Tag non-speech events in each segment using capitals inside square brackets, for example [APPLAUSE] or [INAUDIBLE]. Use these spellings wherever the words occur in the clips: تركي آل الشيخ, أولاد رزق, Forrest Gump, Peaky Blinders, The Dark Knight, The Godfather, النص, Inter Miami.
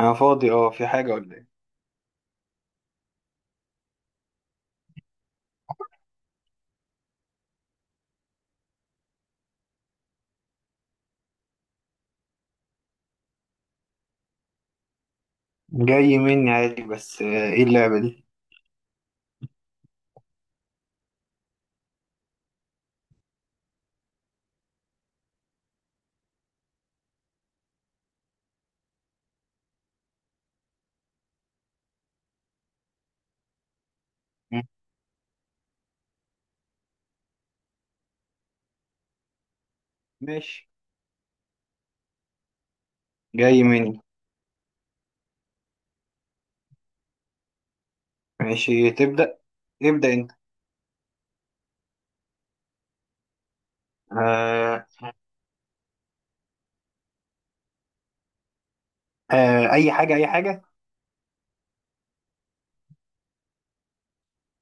انا فاضي، اه، في حاجة ولا ايه؟ جاي مني عادي بس ايه اللعبة دي؟ مم. ماشي. جاي مني. ماشي، تبدأ. ابدأ انت. آه. آه، اي حاجة اي حاجة.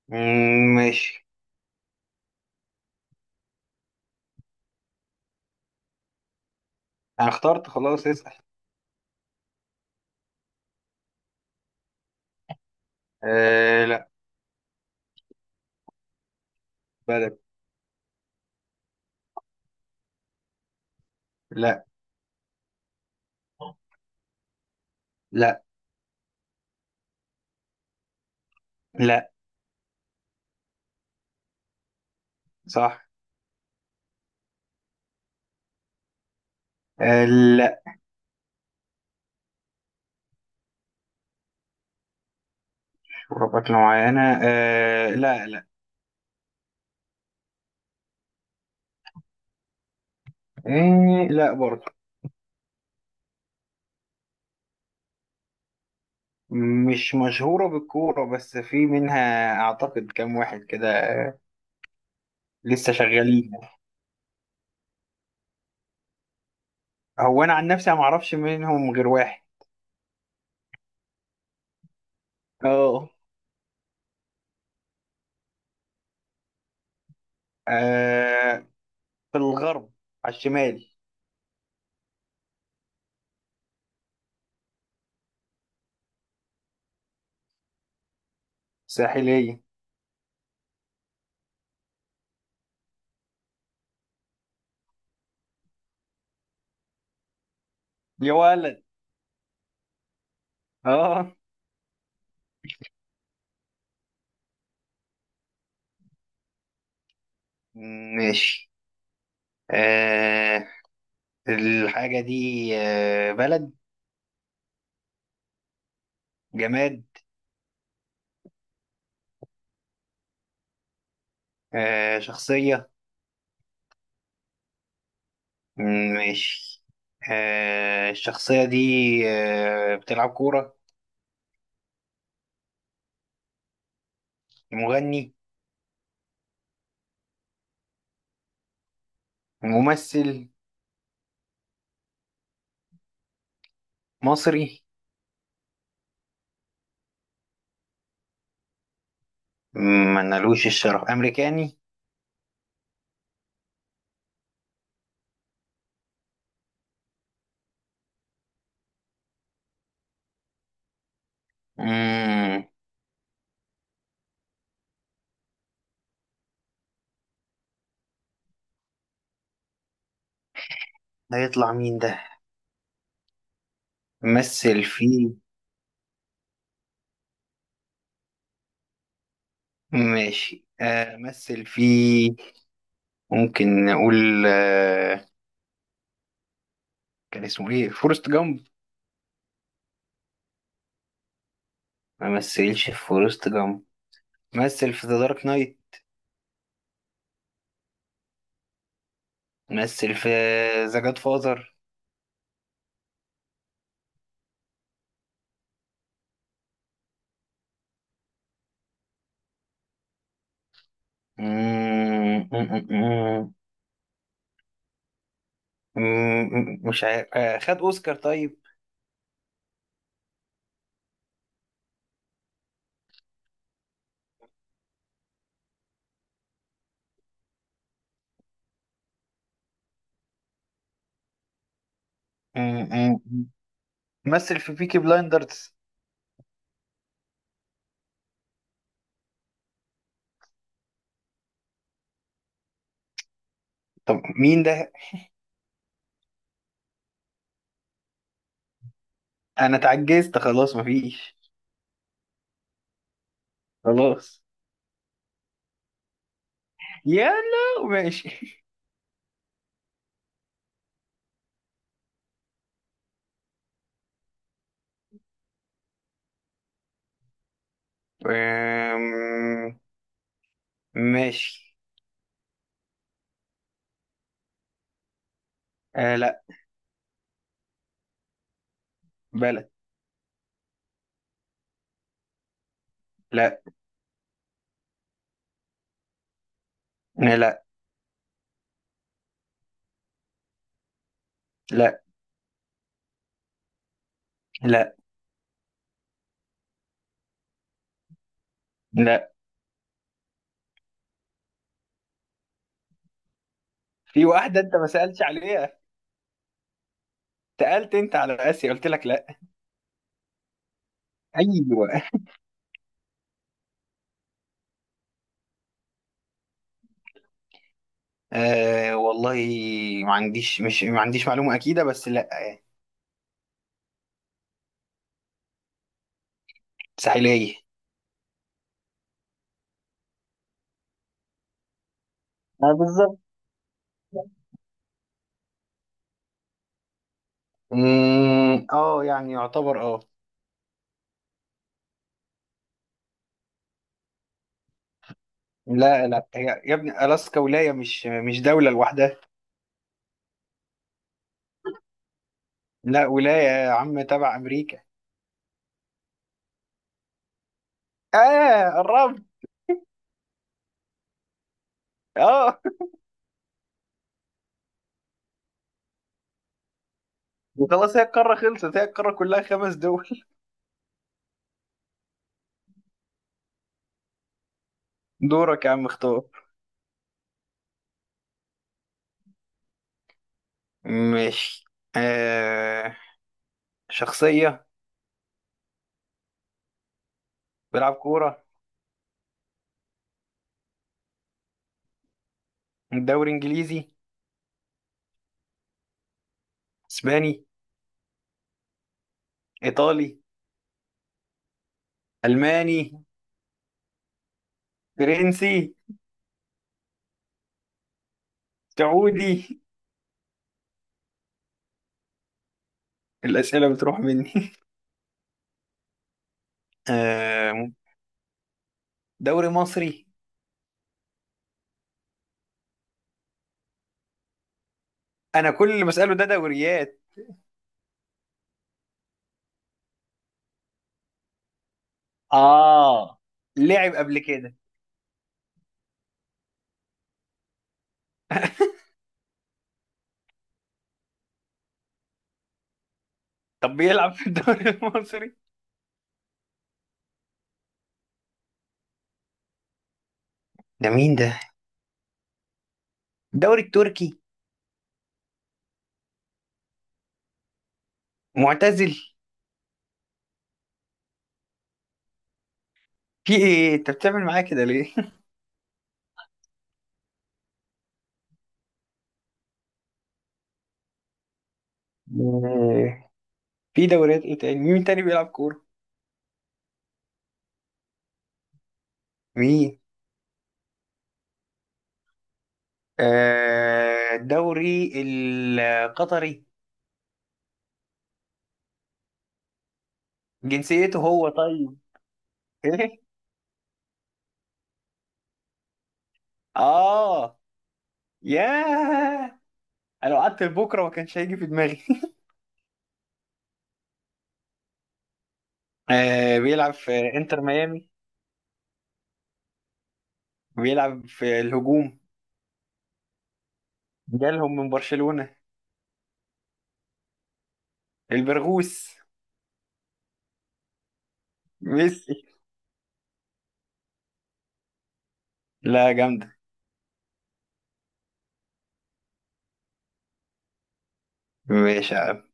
مم، ماشي. انا اخترت، خلاص اسأل. آه لا. بدأ. لا لا لا. صح. آه. لا. شربات معينة، آه لا لا. آه لا برضه. مش مشهورة بالكورة، بس في منها أعتقد كام واحد كده لسه شغالين. هو انا عن نفسي ما اعرفش منهم غير واحد. اه. آه. في الغرب. على الشمال. ساحلية. يا ولد. اه. ماشي. آه الحاجة دي بلد. جماد. شخصية. ماشي. الشخصية دي بتلعب كورة. مغني. ممثل. مصري. ملوش الشرف، أمريكاني. مم، هيطلع مين ده؟ مثل في. ماشي، مثل في. ممكن نقول كان اسمه ايه، فورست جامب؟ ما مثلش في فورست جامب. مثل في ذا دارك نايت. مثل في ذا جاد فاذر. مش عارف. خد اوسكار طيب؟ م- م- مثل في بيكي بلايندرز؟ طب مين ده؟ انا اتعجزت خلاص، مفيش. خلاص. يلا ماشي. [LAUGHS] آم، ماشي. آه لا. بلا. لا. لا. لا. لا. لا. في واحدة أنت ما سألتش عليها. سألت أنت على آسيا، قلت لك لا. أيوه. آه والله، ما عنديش معلومة أكيدة، بس لا يعني. ساحلية. بالظبط. اه يعني يعتبر لا لا، هي يا ابني ألاسكا ولاية، مش دولة لوحدها. لا، ولاية يا عم، تبع أمريكا. آه قربت. اه. خلاص، هي القارة خلصت، هي القارة كلها خمس دول. دورك يا عم، اختار. ماشي. آه شخصية. بيلعب كورة. دوري إنجليزي؟ إسباني؟ إيطالي؟ ألماني؟ فرنسي؟ سعودي؟ الأسئلة بتروح مني. [LAUGHS] آه دوري مصري؟ أنا كل اللي بسأله ده دوريات. آه، لعب قبل كده. [LAUGHS] طب بيلعب في الدوري المصري؟ ده مين ده؟ الدوري التركي؟ معتزل؟ في ايه، انت بتعمل معايا كده ليه؟ [LAUGHS] آه، في دوريات ايه تاني؟ مين تاني بيلعب كورة؟ مين؟ الدوري القطري؟ جنسيته هو طيب؟ [LAUGHS] ايه. اه. ياه، انا لو قعدت لبكره ما كانش هيجي في دماغي. [LAUGHS] بيلعب في انتر ميامي. بيلعب في الهجوم. جالهم من برشلونة. البرغوث. ميسي. لا، جامدة. ماشي.